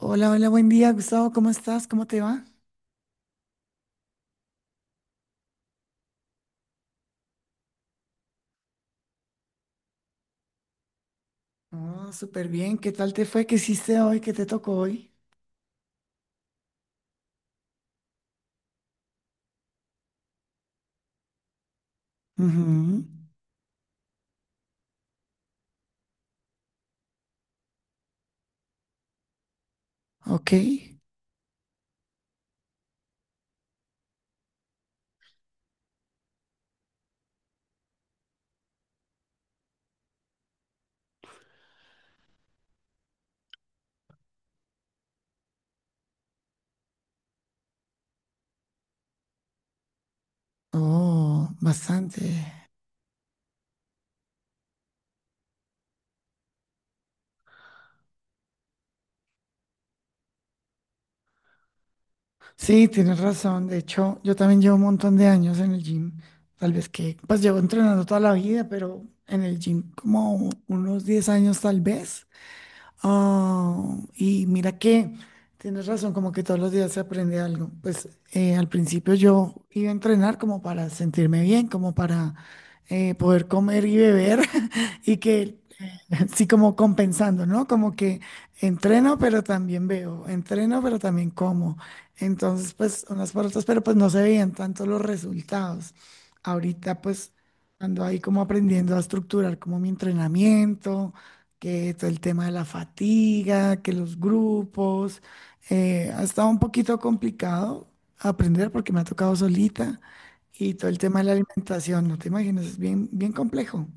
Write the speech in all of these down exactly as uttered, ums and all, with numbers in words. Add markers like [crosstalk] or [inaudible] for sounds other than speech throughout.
Hola, hola, buen día, Gustavo, ¿cómo estás? ¿Cómo te va? Oh, súper bien, ¿qué tal te fue? ¿Qué hiciste hoy? ¿Qué te tocó hoy? Ujú. Ok. Oh, bastante. Sí, tienes razón. De hecho, yo también llevo un montón de años en el gym. Tal vez que, pues llevo entrenando toda la vida, pero en el gym como unos diez años tal vez. Oh, y mira que tienes razón, como que todos los días se aprende algo. Pues eh, al principio yo iba a entrenar como para sentirme bien, como para eh, poder comer y beber [laughs] y que eh, sí como compensando, ¿no? Como que entreno pero también veo, entreno pero también como. Entonces, pues unas por otras, pero pues no se veían tanto los resultados. Ahorita pues ando ahí como aprendiendo a estructurar como mi entrenamiento, que todo el tema de la fatiga, que los grupos, eh, ha estado un poquito complicado aprender porque me ha tocado solita, y todo el tema de la alimentación, no te imaginas, es bien, bien complejo.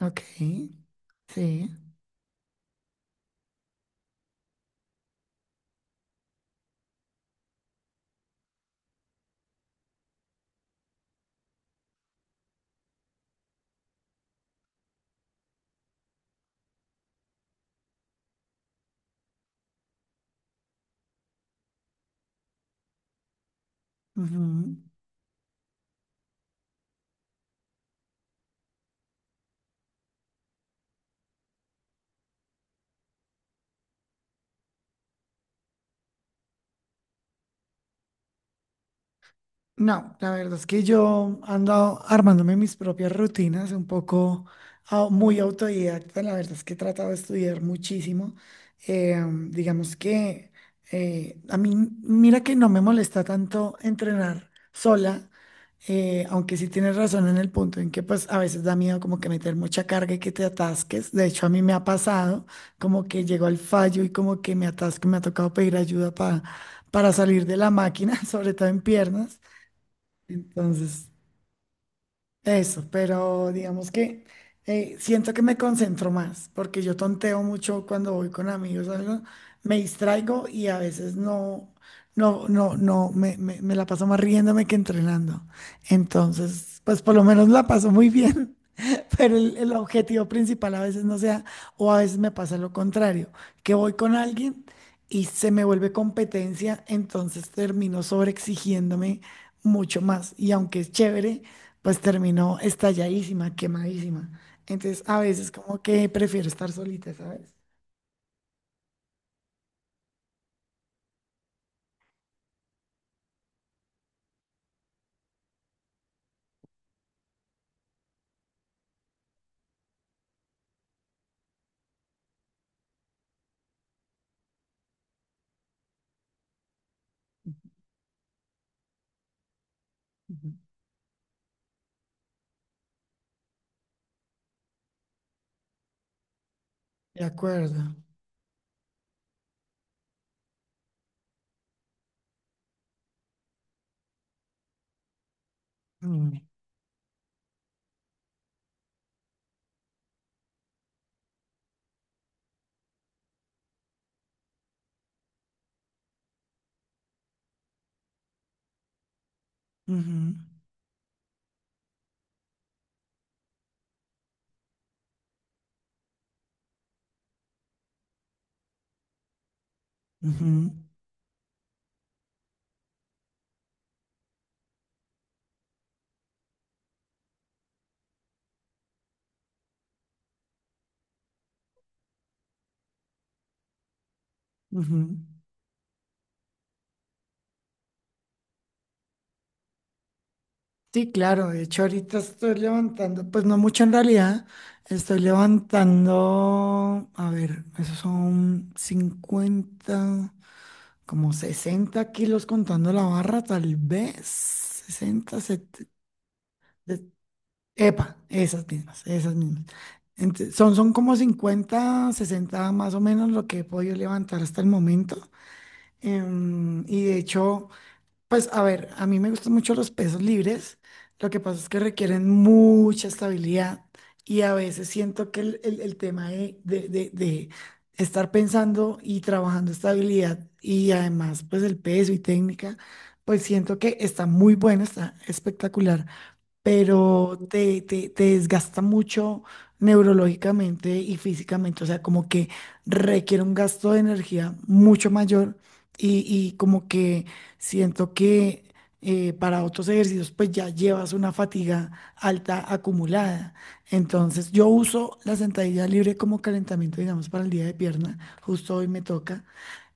Ok, sí. Ujú. No, la verdad es que yo ando armándome mis propias rutinas, un poco au- muy autodidacta, la verdad es que he tratado de estudiar muchísimo. Eh, digamos que eh, a mí, mira que no me molesta tanto entrenar sola, eh, aunque sí tienes razón en el punto en que pues a veces da miedo como que meter mucha carga y que te atasques. De hecho, a mí me ha pasado como que llego al fallo y como que me atasco, y me ha tocado pedir ayuda para para salir de la máquina, [laughs] sobre todo en piernas. Entonces, eso, pero digamos que eh, siento que me concentro más, porque yo tonteo mucho cuando voy con amigos o algo, me distraigo y a veces no, no, no, no, me, me- me la paso más riéndome que entrenando. Entonces, pues por lo menos la paso muy bien, pero el, el objetivo principal a veces no sea, o a veces me pasa lo contrario, que voy con alguien y se me vuelve competencia, entonces termino sobreexigiéndome mucho más. Y aunque es chévere, pues termino estalladísima, quemadísima. Entonces a veces como que prefiero estar solita, ¿sabes? Ujú. De acuerdo. Mm, ujú, ujú, ujú. Sí, claro, de hecho ahorita estoy levantando, pues no mucho en realidad, estoy levantando, a ver, esos son cincuenta, como sesenta kilos contando la barra, tal vez, sesenta setenta, de- epa, esas mismas, esas mismas. Ent- son, son como cincuenta, sesenta más o menos lo que he podido levantar hasta el momento. Em, y de hecho... Pues a ver, a mí me gustan mucho los pesos libres. Lo que pasa es que requieren mucha estabilidad, y a veces siento que el, el- el tema de, de- de- de estar pensando y trabajando estabilidad y además pues el peso y técnica, pues siento que está muy bueno, está espectacular, pero te, te, te desgasta mucho neurológicamente y físicamente, o sea, como que requiere un gasto de energía mucho mayor, y, y como que siento que eh, para otros ejercicios pues ya llevas una fatiga alta acumulada. Entonces yo uso la sentadilla libre como calentamiento, digamos, para el día de pierna, justo hoy me toca.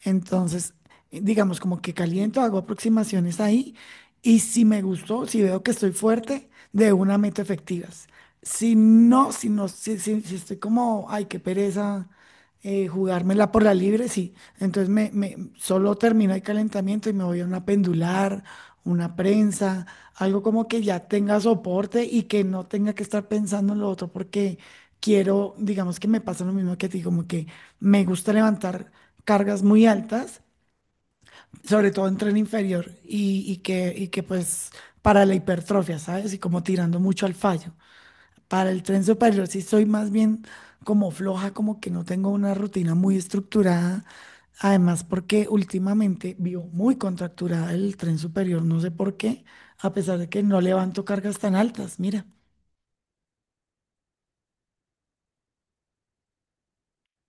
Entonces, eh, digamos, como que caliento, hago aproximaciones ahí, y si me gustó, si veo que estoy fuerte, de una meto efectivas. Si no, si no, si, si- si estoy como, ay, qué pereza eh, jugármela por la libre, sí. Entonces me, me- solo termino el calentamiento y me voy a una pendular, una prensa, algo como que ya tenga soporte y que no tenga que estar pensando en lo otro, porque quiero, digamos que me pasa lo mismo que a ti, como que me gusta levantar cargas muy altas sobre todo en tren inferior, y, y que, y que pues para la hipertrofia, ¿sabes? Y como tirando mucho al fallo. Para el tren superior sí soy más bien como floja, como que no tengo una rutina muy estructurada. Además, porque últimamente vio muy contracturada el tren superior, no sé por qué, a pesar de que no levanto cargas tan altas, mira.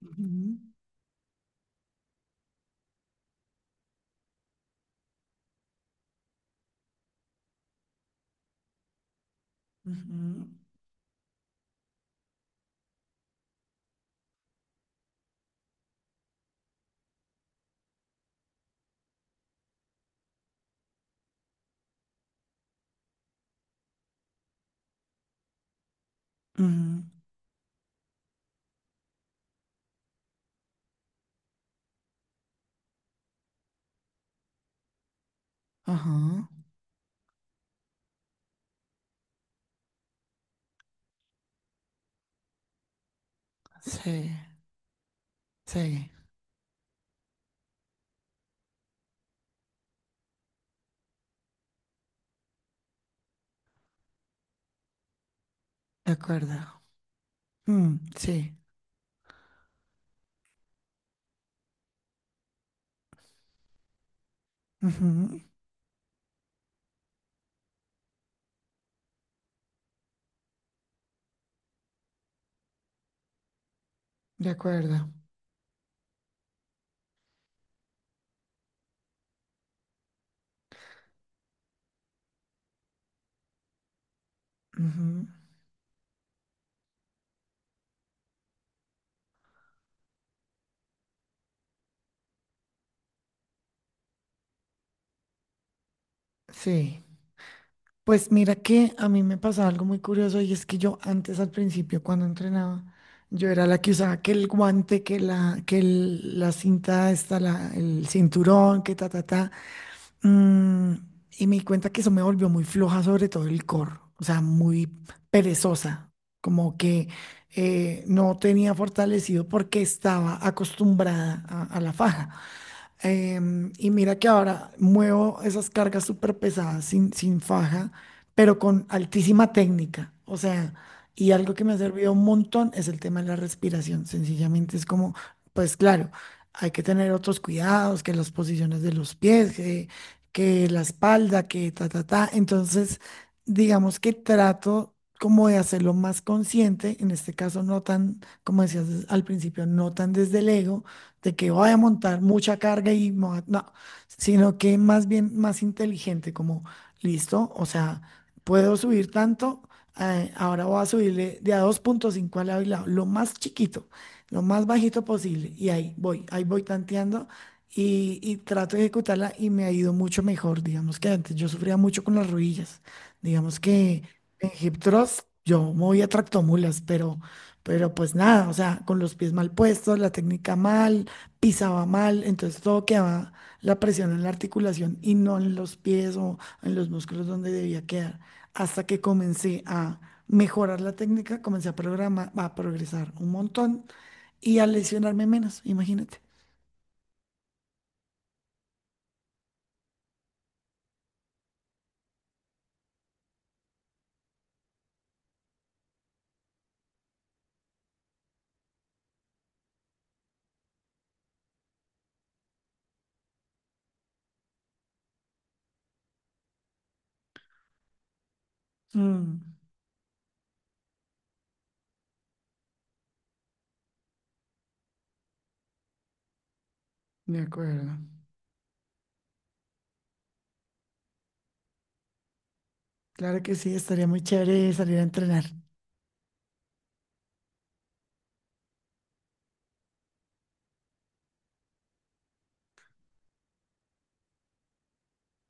Ujú, ujú, ujú, ajá, sí, sí, de acuerdo. Mm, sí, ujú, de acuerdo. Ujú. Sí, pues mira que a mí me pasaba algo muy curioso, y es que yo antes al principio cuando entrenaba, yo era la que usaba que el guante, que la, que el- la cinta esta, la- el cinturón, que ta, ta, ta. mm, y me di cuenta que eso me volvió muy floja, sobre todo el core, o sea, muy perezosa, como que eh, no tenía fortalecido porque estaba acostumbrada a a la faja. Em, y mira que ahora muevo esas cargas súper pesadas sin, sin faja, pero con altísima técnica. O sea, y algo que me ha servido un montón es el tema de la respiración. Sencillamente es como, pues claro, hay que tener otros cuidados, que las posiciones de los pies, que, que la espalda, que ta, ta, ta. Entonces, digamos que trato como de hacerlo más consciente, en este caso no tan, como decías al principio, no tan desde el ego de que voy a montar mucha carga y me voy a- no, sino que más bien más inteligente, como listo, o sea, puedo subir tanto, eh, ahora voy a subirle de a dos punto cinco al lado y lado, lo más chiquito, lo más bajito posible, y ahí voy, ahí voy tanteando. Y, y trato de ejecutarla y me ha ido mucho mejor. Digamos que antes yo sufría mucho con las rodillas. Digamos que en hip thrust yo movía tractomulas, pero, pero pues nada, o sea, con los pies mal puestos, la técnica mal, pisaba mal, entonces todo quedaba la presión en la articulación y no en los pies o en los músculos donde debía quedar. Hasta que comencé a mejorar la técnica, comencé a programar, a progresar un montón y a lesionarme menos, imagínate. Mm, de acuerdo. Claro que sí, estaría muy chévere salir a entrenar.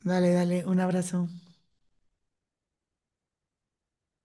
Dale, dale, un abrazo.